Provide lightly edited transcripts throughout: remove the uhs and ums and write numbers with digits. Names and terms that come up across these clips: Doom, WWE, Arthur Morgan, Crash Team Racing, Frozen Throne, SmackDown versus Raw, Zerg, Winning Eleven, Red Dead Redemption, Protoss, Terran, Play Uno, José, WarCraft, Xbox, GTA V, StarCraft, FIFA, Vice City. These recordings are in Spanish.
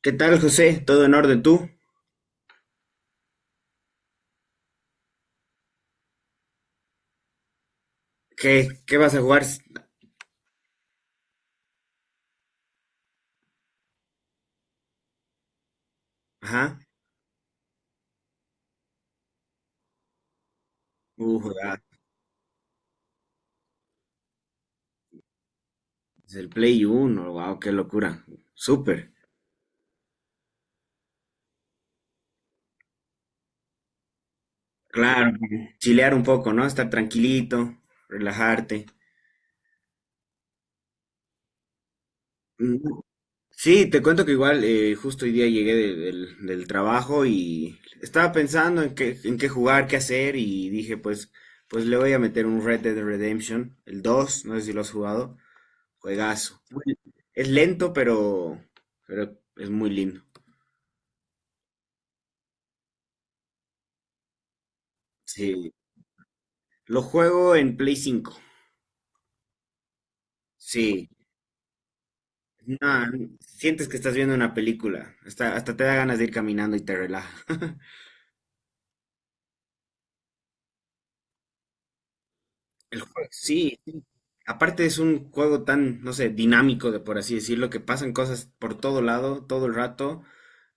¿Qué tal, José? ¿Todo en orden tú? ¿Qué vas a jugar? Ajá. Uh, ah, es el Play Uno. Wow, qué locura. Súper. Claro. Chilear un poco, ¿no? Estar tranquilito, relajarte. Mm, sí, te cuento que igual justo hoy día llegué del trabajo y estaba pensando en qué jugar, qué hacer y dije, pues le voy a meter un Red Dead Redemption, el 2. No sé si lo has jugado. Juegazo. Muy- es lento, pero es muy lindo. Sí, lo juego en Play 5. Sí, no, sientes que estás viendo una película. Hasta, hasta te da ganas de ir caminando y te relaja. El juego, sí, sí. Aparte es un juego tan, no sé, dinámico, de por así decirlo, que pasan cosas por todo lado, todo el rato.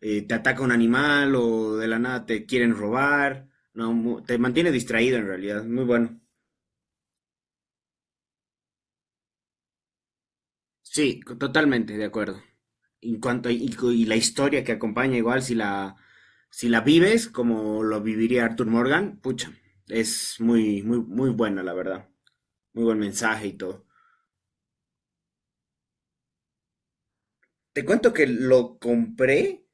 Te ataca un animal o de la nada te quieren robar. No, mu- te mantiene distraído en realidad. Muy bueno. Sí, co- totalmente de acuerdo. En cuanto a- y, co- y la historia que acompaña, igual si la vives como lo viviría Arthur Morgan, pucha, es muy muy muy buena la verdad. Muy buen mensaje y todo. Te cuento que lo compré,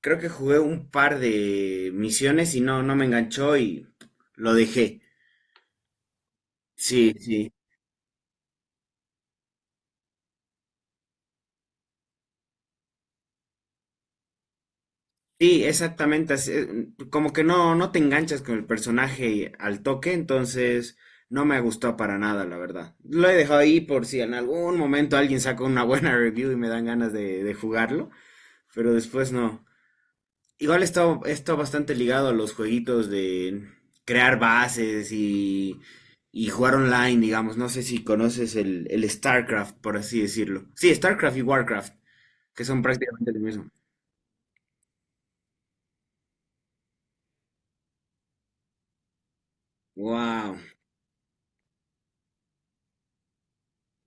creo que jugué un par de misiones y no me enganchó y lo dejé. Sí, sí. Sí, exactamente, así, como que no, no te enganchas con el personaje al toque, entonces no me gustó para nada, la verdad. Lo he dejado ahí por si en algún momento alguien saca una buena review y me dan ganas de jugarlo, pero después no. Igual está, está bastante ligado a los jueguitos de crear bases y jugar online, digamos. No sé si conoces el StarCraft, por así decirlo. Sí, StarCraft y WarCraft, que son prácticamente lo mismo. Wow.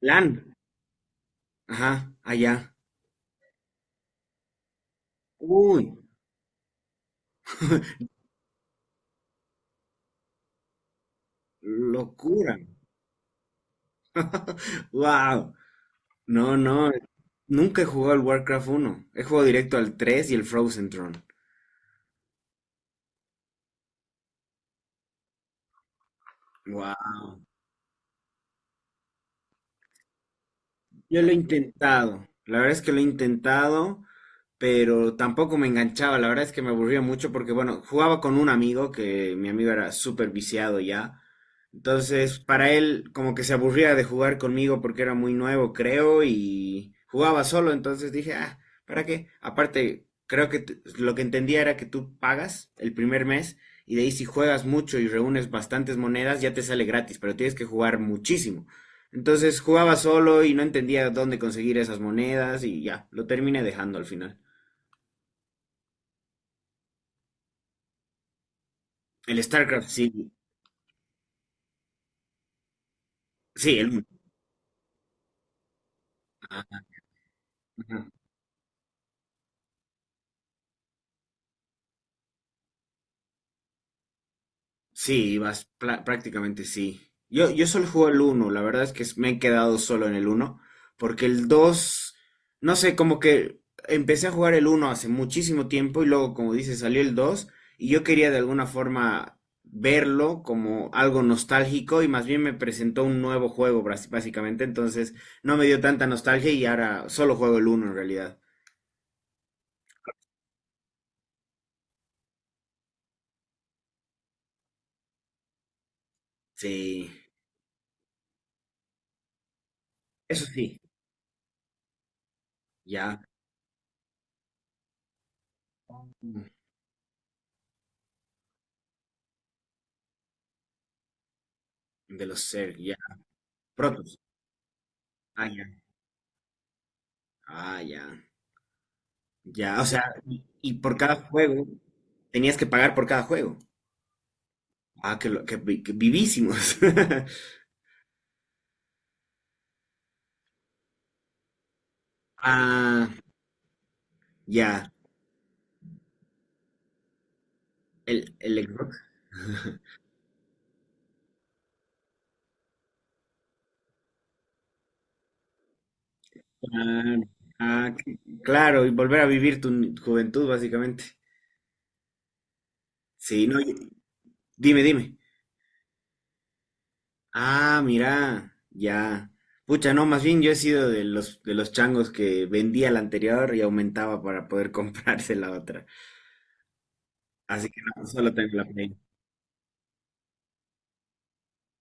LAN. Ajá, allá. Uy, locura. Wow. No, no. Nunca he jugado al Warcraft uno. He jugado directo al 3 y el Frozen Throne. Wow. Yo lo he intentado. La verdad es que lo he intentado, pero tampoco me enganchaba, la verdad es que me aburría mucho porque, bueno, jugaba con un amigo que mi amigo era súper viciado ya, entonces para él como que se aburría de jugar conmigo porque era muy nuevo, creo, y jugaba solo, entonces dije, ah, ¿para qué? Aparte, creo que t- lo que entendía era que tú pagas el primer mes y de ahí si juegas mucho y reúnes bastantes monedas ya te sale gratis, pero tienes que jugar muchísimo. Entonces jugaba solo y no entendía dónde conseguir esas monedas y ya, lo terminé dejando al final. El StarCraft, sí. Sí, el uno. Ajá. Sí, vas, pla- prácticamente sí. Yo solo juego el uno, la verdad es que me he quedado solo en el uno porque el 2 no sé, como que empecé a jugar el uno hace muchísimo tiempo y luego, como dices, salió el 2 y yo quería de alguna forma verlo como algo nostálgico y más bien me presentó un nuevo juego, bras- básicamente, entonces no me dio tanta nostalgia y ahora solo juego el uno en realidad. Sí, eso sí, ya. De los Zerg, ya. Protoss. Ah, ya. Ah, ya. Ya, o sea, y por cada juego tenías que pagar por cada juego. Ah, que, lo- que, vi- que vivísimos. Ah, ya. El Xbox. Ah, ah, c- claro, y volver a vivir tu ni- juventud, básicamente. Sí, no, y- dime, dime. Ah, mira, ya. Pucha, no, más bien yo he sido de los changos que vendía la anterior y aumentaba para poder comprarse la otra. Así que no, solo tengo la Play.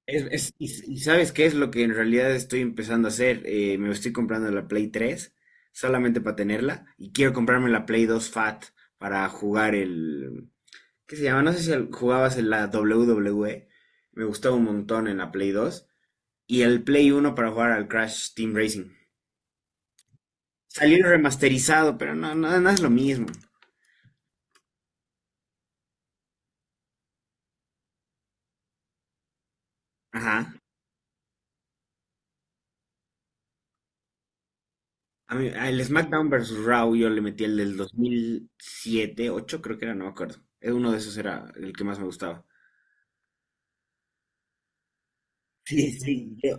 ¿Y ¿sabes qué es lo que en realidad estoy empezando a hacer? Me estoy comprando la Play 3, solamente para tenerla y quiero comprarme la Play 2 Fat para jugar el... ¿Qué se llama? No sé si al- jugabas en la WWE. Me gustaba un montón en la Play 2, y el Play uno para jugar al Crash Team Racing. Salió remasterizado, pero no, no, no es lo mismo. Ajá. A mí- al SmackDown versus Raw yo le metí el del 2007, 8 creo que era, no me acuerdo. Uno de esos era el que más me gustaba. Sí, sí, yo-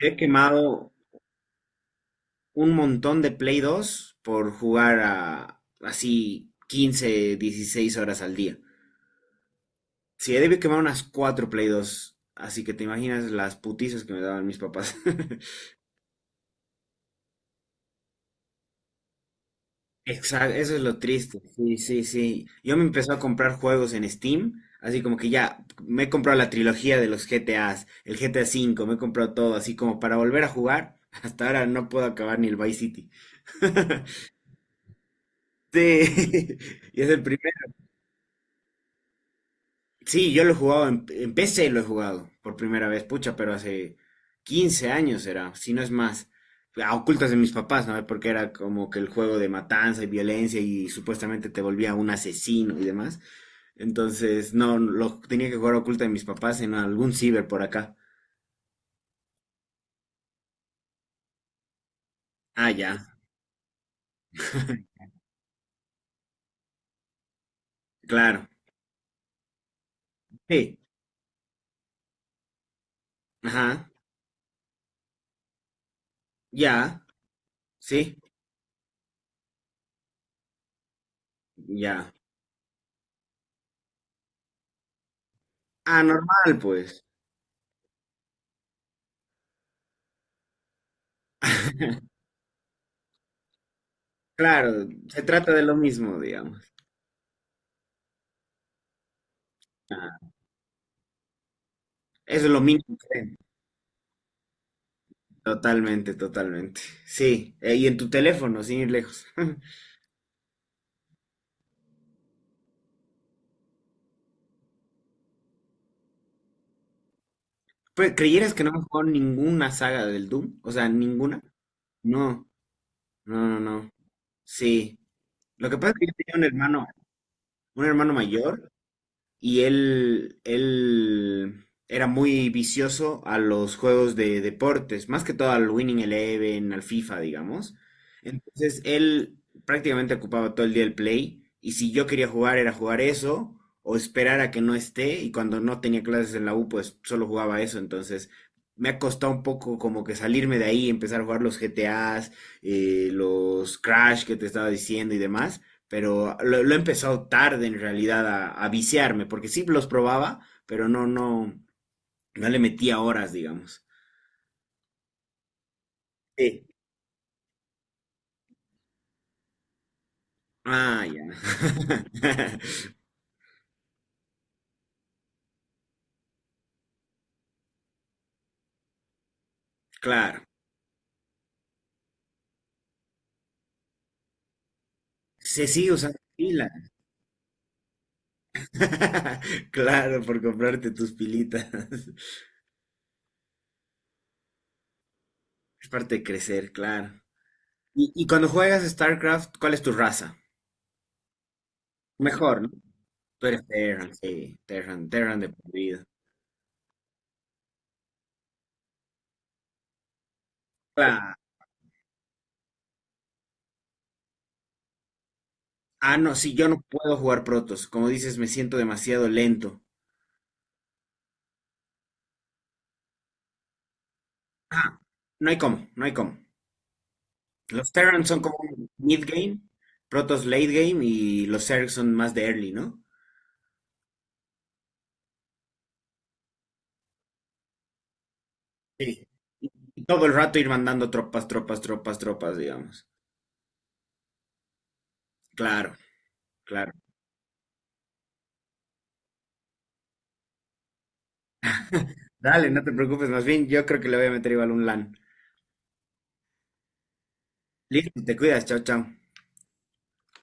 he quemado un montón de Play 2 por jugar a así 15, 16 horas al día. Sí, he debido quemar unas 4 Play 2, así que te imaginas las putizas que me daban mis papás. Exacto, eso es lo triste. Sí, sí, sí. Yo me empezó a comprar juegos en Steam, así como que ya me he comprado la trilogía de los GTAs, el GTA V, me he comprado todo, así como para volver a jugar. Hasta ahora no puedo acabar ni el Vice City. Sí, y es el primer. Sí, yo lo he jugado en PC, lo he jugado por primera vez, pucha, pero hace 15 años era, si no es más. A ocultas de mis papás, ¿no? Porque era como que el juego de matanza y violencia y supuestamente te volvía un asesino y demás. Entonces, no, lo tenía que jugar oculta de mis papás en algún ciber por acá. Ah, ya. Claro. Sí. Ajá. Ya. Sí. Ya. Ah, normal, pues. Claro, se trata de lo mismo, digamos. Ah, eso es lo mínimo que ven. Totalmente, totalmente. Sí, y en tu teléfono, sin ir lejos. Pues, ¿creyeras que no hemos jugado ninguna saga del Doom? O sea, ninguna. No, no, no, no. Sí. Lo que pasa es que yo tenía un hermano mayor, y él era muy vicioso a los juegos de deportes, más que todo al Winning Eleven, al FIFA, digamos. Entonces él prácticamente ocupaba todo el día el Play y si yo quería jugar era jugar eso o esperar a que no esté y cuando no tenía clases en la U pues solo jugaba eso. Entonces me ha costado un poco como que salirme de ahí, empezar a jugar los GTAs, los Crash que te estaba diciendo y demás, pero lo he empezado tarde en realidad a viciarme, porque sí los probaba, pero no, no, no le metía horas, digamos. Sí. Ah, ya. Claro. Se sigue usando pila. Claro, por comprarte tus pilitas. Es parte de crecer, claro. Y cuando juegas StarCraft, ¿cuál es tu raza? Mejor, ¿no? Tú eres Terran, sí, Terran, Terran de por vida. Claro. Ah, no, sí, yo no puedo jugar protos. Como dices, me siento demasiado lento. Ajá. No hay cómo, no hay cómo. Los Terrans son como mid game, Protoss late game y los Zerg son más de early, ¿no? Sí. Y todo el rato ir mandando tropas, tropas, tropas, tropas, digamos. Claro, claro. Dale, no te preocupes, más bien yo creo que le voy a meter igual un LAN. Listo, te cuidas, chao, chao.